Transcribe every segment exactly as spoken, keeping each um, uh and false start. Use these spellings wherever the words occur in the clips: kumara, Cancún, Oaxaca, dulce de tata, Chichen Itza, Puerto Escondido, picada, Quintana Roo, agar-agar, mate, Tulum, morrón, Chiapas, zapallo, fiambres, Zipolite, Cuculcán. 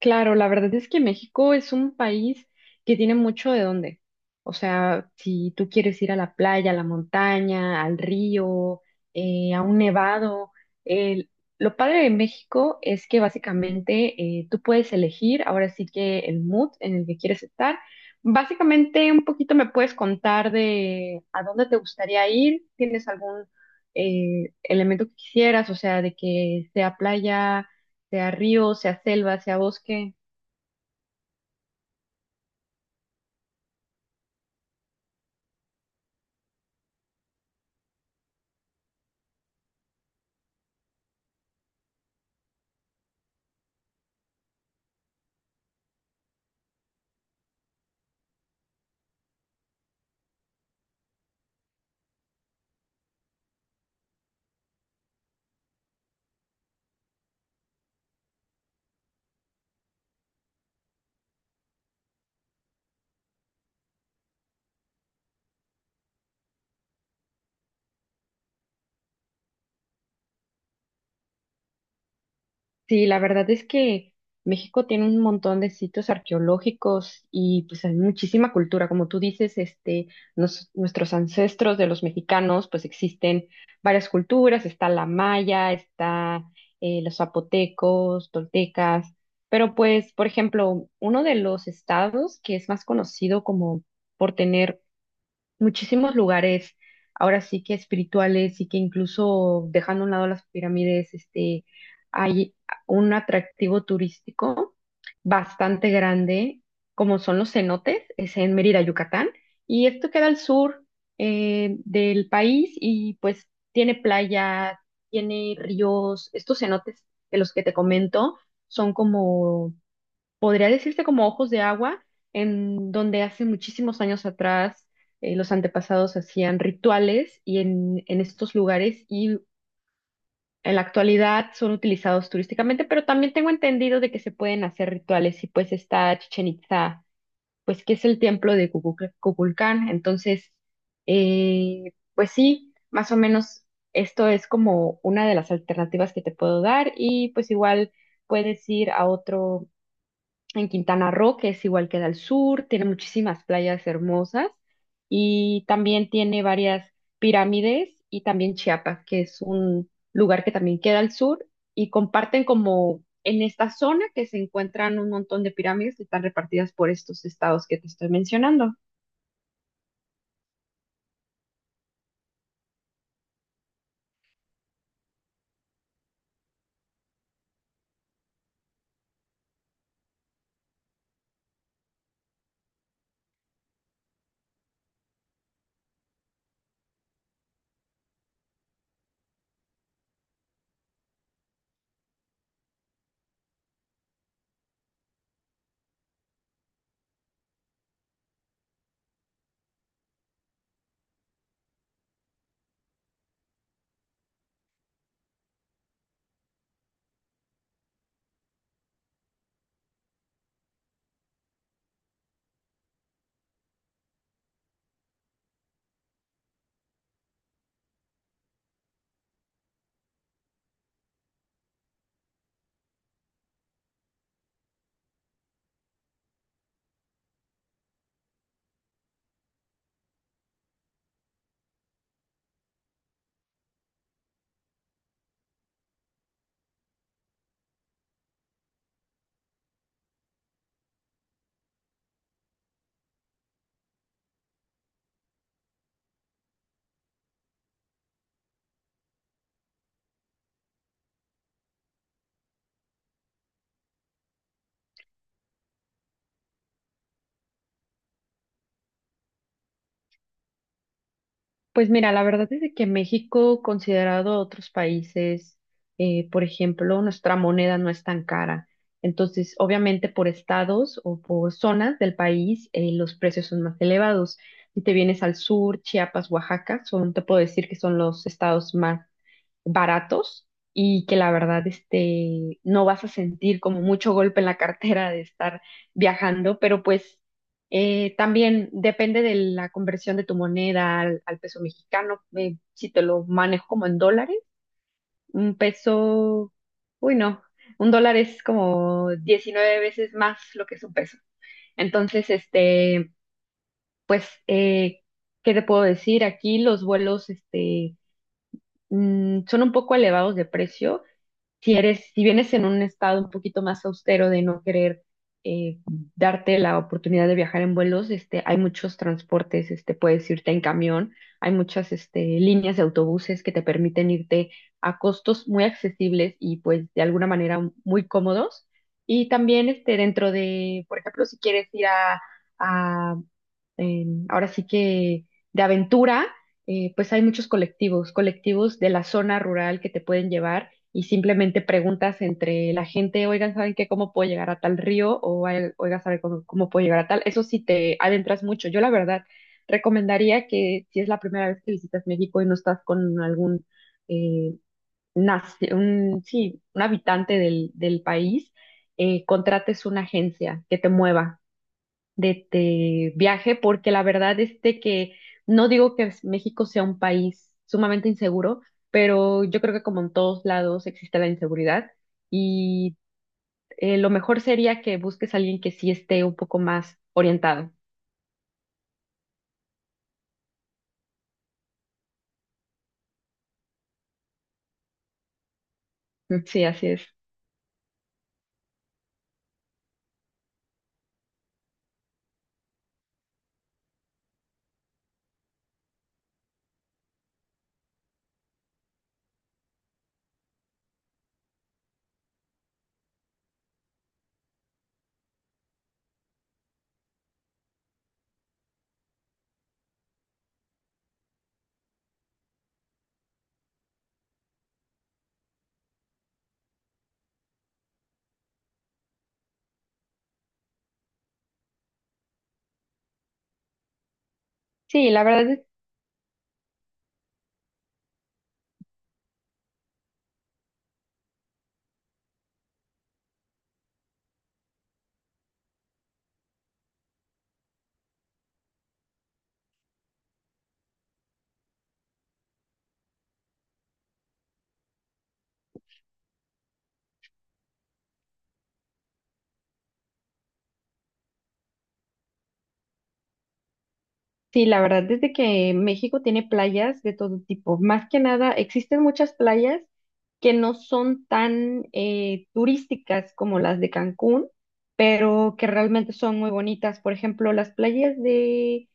Claro, la verdad es que México es un país que tiene mucho de dónde. O sea, si tú quieres ir a la playa, a la montaña, al río, eh, a un nevado, el- lo padre de México es que básicamente eh, tú puedes elegir ahora sí que el mood en el que quieres estar. Básicamente un poquito me puedes contar de a dónde te gustaría ir, tienes algún eh, elemento que quisieras, o sea, de que sea playa, sea río, sea selva, sea bosque. Sí, la verdad es que México tiene un montón de sitios arqueológicos y pues hay muchísima cultura. Como tú dices, este, nos- nuestros ancestros de los mexicanos, pues existen varias culturas, está la maya, está eh, los zapotecos, toltecas, pero pues, por ejemplo, uno de los estados que es más conocido como por tener muchísimos lugares, ahora sí que espirituales y que incluso dejando a un lado las pirámides, este, hay un atractivo turístico bastante grande, como son los cenotes, es en Mérida, Yucatán, y esto queda al sur eh, del país y pues tiene playa, tiene ríos, estos cenotes de los que te comento son como podría decirse como ojos de agua, en donde hace muchísimos años atrás eh, los antepasados hacían rituales y en, en estos lugares y en la actualidad son utilizados turísticamente, pero también tengo entendido de que se pueden hacer rituales y pues está Chichen Itza, pues que es el templo de Cucuc- Cuculcán. Entonces, eh, pues sí, más o menos esto es como una de las alternativas que te puedo dar y pues igual puedes ir a otro en Quintana Roo, que es igual que al sur, tiene muchísimas playas hermosas y también tiene varias pirámides, y también Chiapas, que es un lugar que también queda al sur y comparten como en esta zona que se encuentran un montón de pirámides que están repartidas por estos estados que te estoy mencionando. Pues mira, la verdad es de que México, considerado a otros países, eh, por ejemplo, nuestra moneda no es tan cara. Entonces, obviamente por estados o por zonas del país, eh, los precios son más elevados. Si te vienes al sur, Chiapas, Oaxaca, son, te puedo decir que son los estados más baratos y que la verdad este, no vas a sentir como mucho golpe en la cartera de estar viajando, pero pues eh, también depende de la conversión de tu moneda al, al peso mexicano. eh, si te lo manejo como en dólares, un peso, uy no, un dólar es como diecinueve veces más lo que es un peso. Entonces, este, pues, eh, ¿qué te puedo decir? Aquí los vuelos, este, mm, son un poco elevados de precio. Si eres, si vienes en un estado un poquito más austero de no querer eh, darte la oportunidad de viajar en vuelos, este, hay muchos transportes, este, puedes irte en camión, hay muchas este, líneas de autobuses que te permiten irte a costos muy accesibles y pues de alguna manera muy cómodos. Y también, este, dentro de, por ejemplo, si quieres ir a a en- ahora sí que de aventura, eh, pues hay muchos colectivos, colectivos de la zona rural que te pueden llevar, y simplemente preguntas entre la gente: oigan, ¿saben qué? ¿Cómo puedo llegar a tal río? O "oigan, oigan, ¿saben cómo, cómo puedo llegar a tal?". Eso sí, te adentras mucho. Yo la verdad recomendaría que si es la primera vez que visitas México y no estás con algún, eh, naci- un, sí, un habitante del, del país, eh, contrates una agencia que te mueva de, de viaje, porque la verdad es de que no digo que México sea un país sumamente inseguro, pero yo creo que como en todos lados existe la inseguridad, y eh, lo mejor sería que busques a alguien que sí esté un poco más orientado. Sí, así es. Sí, la verdad es Sí, la verdad, desde que México tiene playas de todo tipo. Más que nada, existen muchas playas que no son tan eh, turísticas como las de Cancún, pero que realmente son muy bonitas. Por ejemplo, las playas de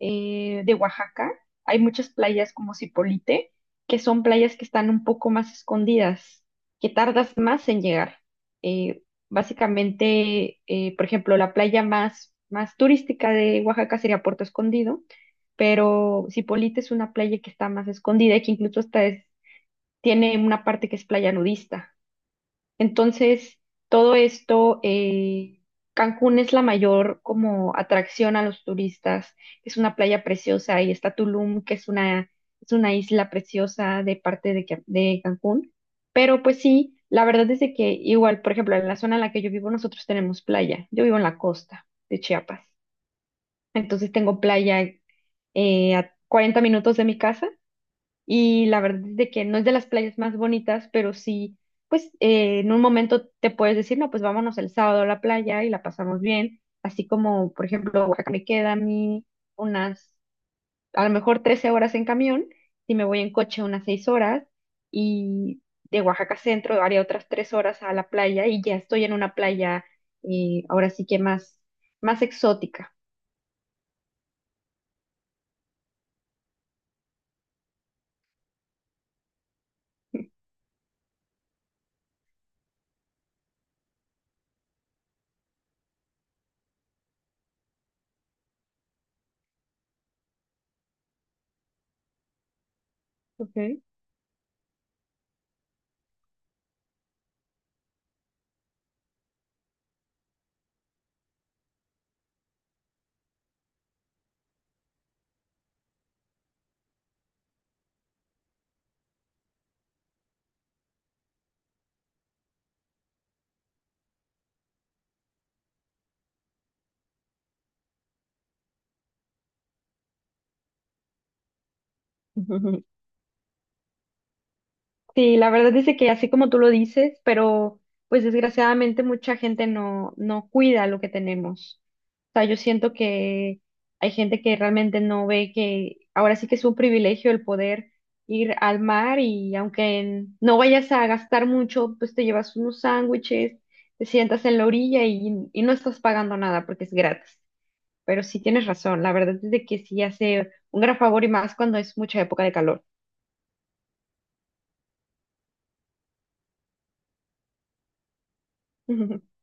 eh, de Oaxaca, hay muchas playas como Zipolite, que son playas que están un poco más escondidas, que tardas más en llegar. Eh, básicamente, eh, por ejemplo, la playa más, más turística de Oaxaca sería Puerto Escondido, pero Zipolite es una playa que está más escondida y que incluso hasta es- tiene una parte que es playa nudista. Entonces, todo esto, eh, Cancún es la mayor como atracción a los turistas. Es una playa preciosa, y está Tulum, que es una, es una isla preciosa, de parte de, Ca- de Cancún. Pero pues sí, la verdad es de que igual, por ejemplo, en la zona en la que yo vivo, nosotros tenemos playa. Yo vivo en la costa de Chiapas. Entonces tengo playa eh, a cuarenta minutos de mi casa, y la verdad es de que no es de las playas más bonitas, pero sí, pues eh, en un momento te puedes decir: no, pues vámonos el sábado a la playa y la pasamos bien. Así como, por ejemplo, Oaxaca me queda a mí unas, a lo mejor trece horas en camión, si me voy en coche unas seis horas, y de Oaxaca Centro haría otras tres horas a la playa y ya estoy en una playa eh, ahora sí que más, más exótica. Ok. Sí, la verdad dice que así como tú lo dices, pero pues desgraciadamente mucha gente no, no cuida lo que tenemos. O sea, yo siento que hay gente que realmente no ve que ahora sí que es un privilegio el poder ir al mar, y aunque en- no vayas a gastar mucho, pues te llevas unos sándwiches, te sientas en la orilla y, y no estás pagando nada porque es gratis. Pero sí tienes razón, la verdad es de que sí hace un gran favor y más cuando es mucha época de calor.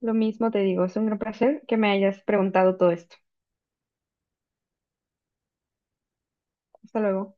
Lo mismo te digo, es un gran placer que me hayas preguntado todo esto. Hasta luego.